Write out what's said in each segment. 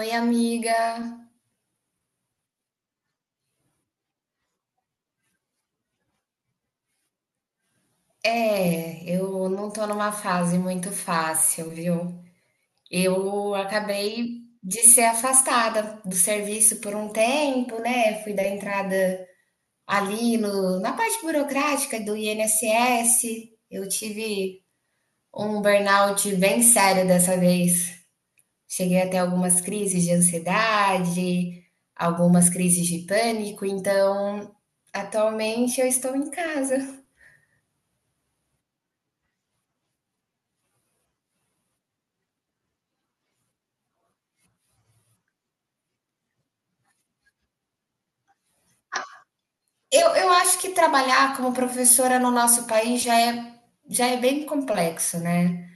Oi, amiga. É, eu não tô numa fase muito fácil, viu? Eu acabei de ser afastada do serviço por um tempo, né? Fui dar entrada ali no, na parte burocrática do INSS. Eu tive um burnout bem sério dessa vez. Cheguei até algumas crises de ansiedade, algumas crises de pânico, então atualmente eu estou em casa. Eu acho que trabalhar como professora no nosso país já é bem complexo, né?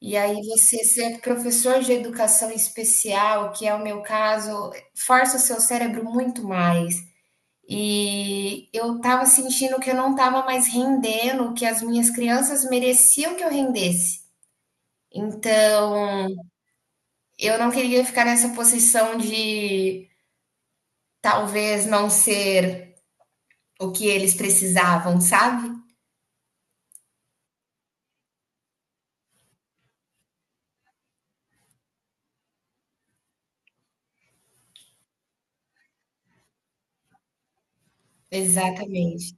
E aí você ser professor de educação especial, que é o meu caso, força o seu cérebro muito mais. E eu tava sentindo que eu não tava mais rendendo, que as minhas crianças mereciam que eu rendesse. Então, eu não queria ficar nessa posição de talvez não ser o que eles precisavam, sabe? Exatamente.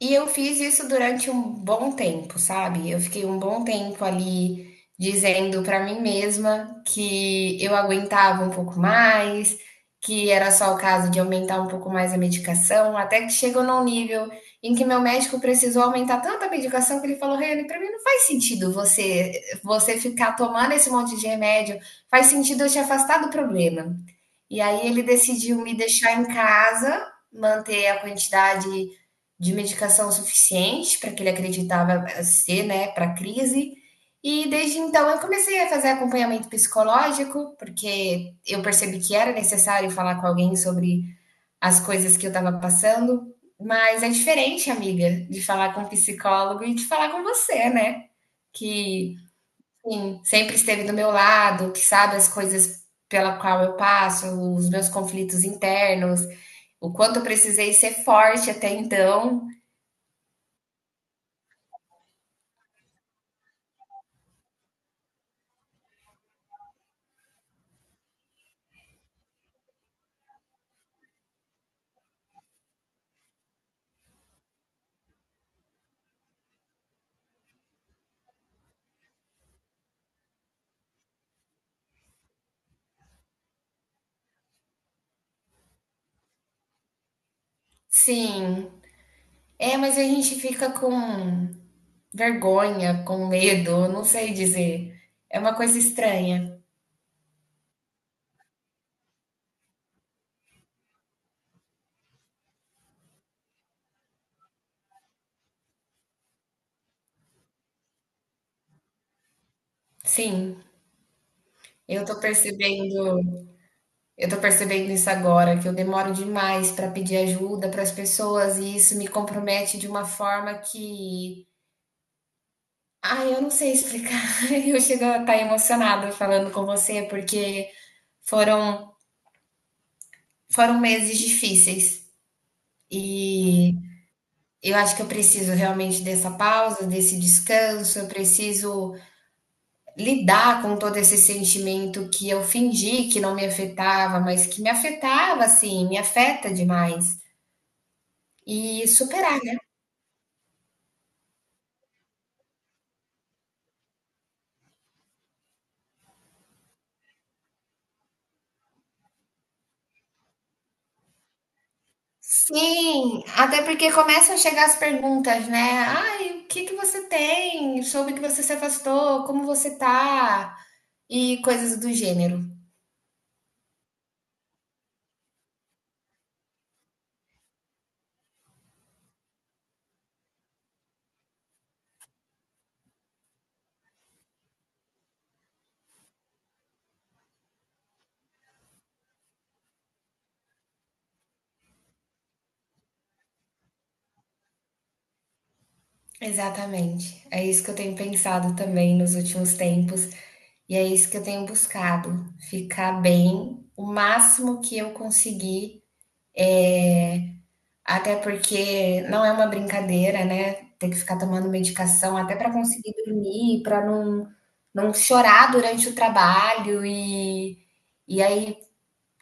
E eu fiz isso durante um bom tempo, sabe? Eu fiquei um bom tempo ali dizendo pra mim mesma que eu aguentava um pouco mais, que era só o caso de aumentar um pouco mais a medicação, até que chegou num nível em que meu médico precisou aumentar tanto a medicação que ele falou: Reni, pra mim não faz sentido você ficar tomando esse monte de remédio, faz sentido eu te afastar do problema. E aí ele decidiu me deixar em casa, manter a quantidade de medicação suficiente para que ele acreditava ser, né, para crise. E desde então eu comecei a fazer acompanhamento psicológico, porque eu percebi que era necessário falar com alguém sobre as coisas que eu estava passando. Mas é diferente, amiga, de falar com um psicólogo e de falar com você, né? Que Sim, sempre esteve do meu lado, que sabe as coisas pela qual eu passo, os meus conflitos internos, o quanto eu precisei ser forte até então. Sim. É, mas a gente fica com vergonha, com medo, eu não sei dizer. É uma coisa estranha. Sim, eu tô percebendo, eu tô percebendo isso agora, que eu demoro demais para pedir ajuda para as pessoas e isso me compromete de uma forma que ai, eu não sei explicar. Eu chego a estar emocionada falando com você, porque foram, foram meses difíceis. E eu acho que eu preciso realmente dessa pausa, desse descanso. Eu preciso lidar com todo esse sentimento que eu fingi que não me afetava, mas que me afetava, assim, me afeta demais. E superar, né? Sim, até porque começam a chegar as perguntas, né? Ai, o que que você tem? Soube que você se afastou, como você tá? E coisas do gênero. Exatamente. É isso que eu tenho pensado também nos últimos tempos, e é isso que eu tenho buscado, ficar bem o máximo que eu conseguir. Até porque não é uma brincadeira, né? Ter que ficar tomando medicação até para conseguir dormir, para não, não chorar durante o trabalho e aí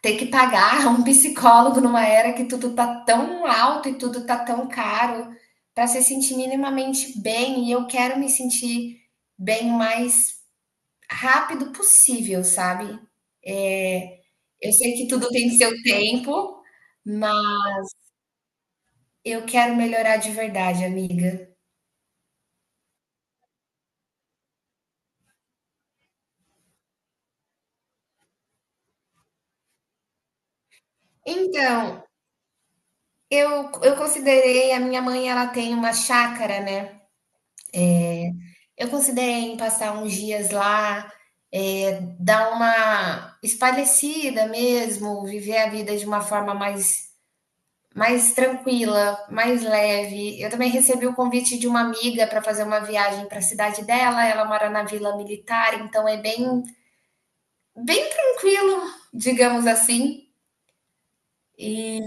ter que pagar um psicólogo numa era que tudo tá tão alto e tudo tá tão caro para se sentir minimamente bem. E eu quero me sentir bem o mais rápido possível, sabe? É, eu sei que tudo tem seu tempo, mas eu quero melhorar de verdade, amiga. Então, eu considerei, a minha mãe, ela tem uma chácara, né? Eu considerei em passar uns dias lá, é, dar uma espairecida mesmo, viver a vida de uma forma mais, mais tranquila, mais leve. Eu também recebi o convite de uma amiga para fazer uma viagem para a cidade dela. Ela mora na Vila Militar, então é bem, bem tranquilo, digamos assim. E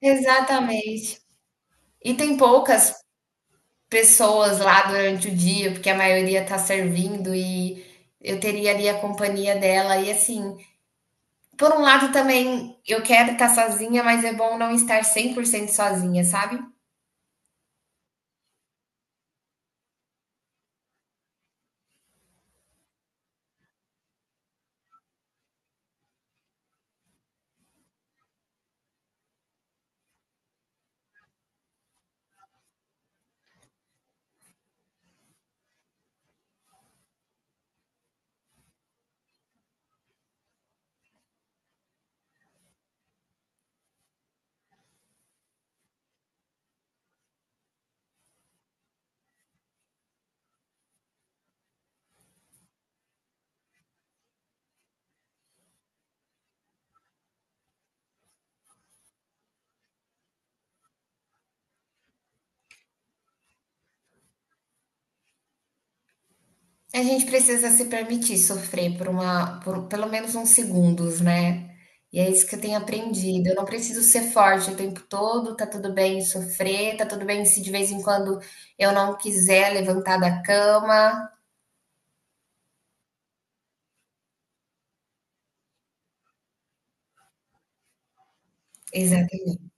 Exatamente. E tem poucas pessoas lá durante o dia, porque a maioria tá servindo e eu teria ali a companhia dela. E assim, por um lado também eu quero estar sozinha, mas é bom não estar 100% sozinha, sabe? A gente precisa se permitir sofrer por uma, por pelo menos uns segundos, né? E é isso que eu tenho aprendido. Eu não preciso ser forte o tempo todo, tá tudo bem sofrer, tá tudo bem se de vez em quando eu não quiser levantar da cama. Exatamente.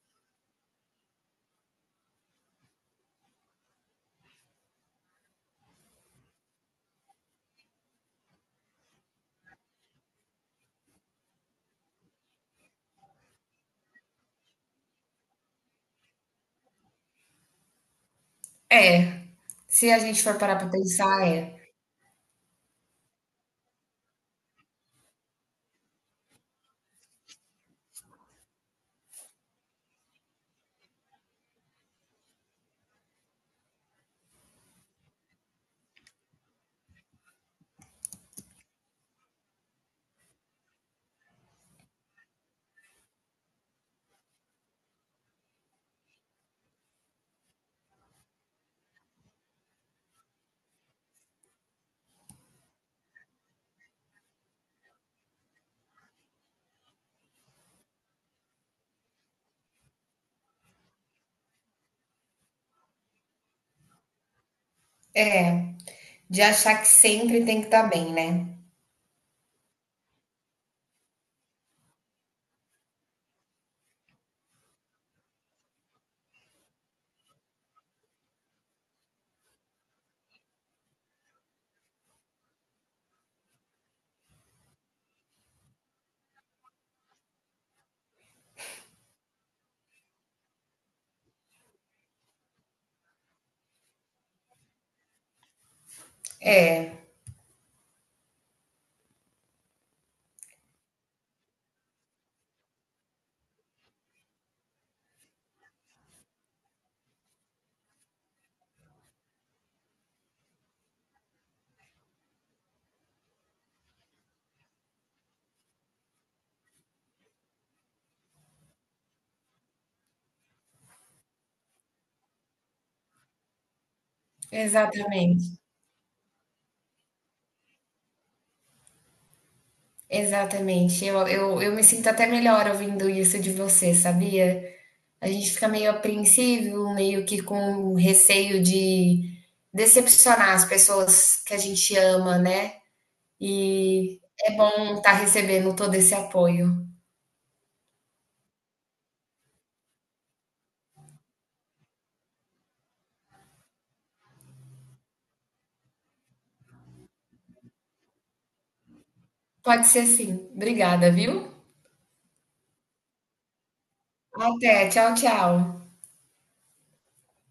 É, se a gente for parar para pensar, é. De achar que sempre tem que estar bem, né. É, exatamente, exatamente. Eu me sinto até melhor ouvindo isso de você, sabia. A gente fica meio apreensivo, meio que com receio de decepcionar as pessoas que a gente ama, né. E é bom estar recebendo todo esse apoio. Pode ser sim. Obrigada, viu. Até, tchau, tchau.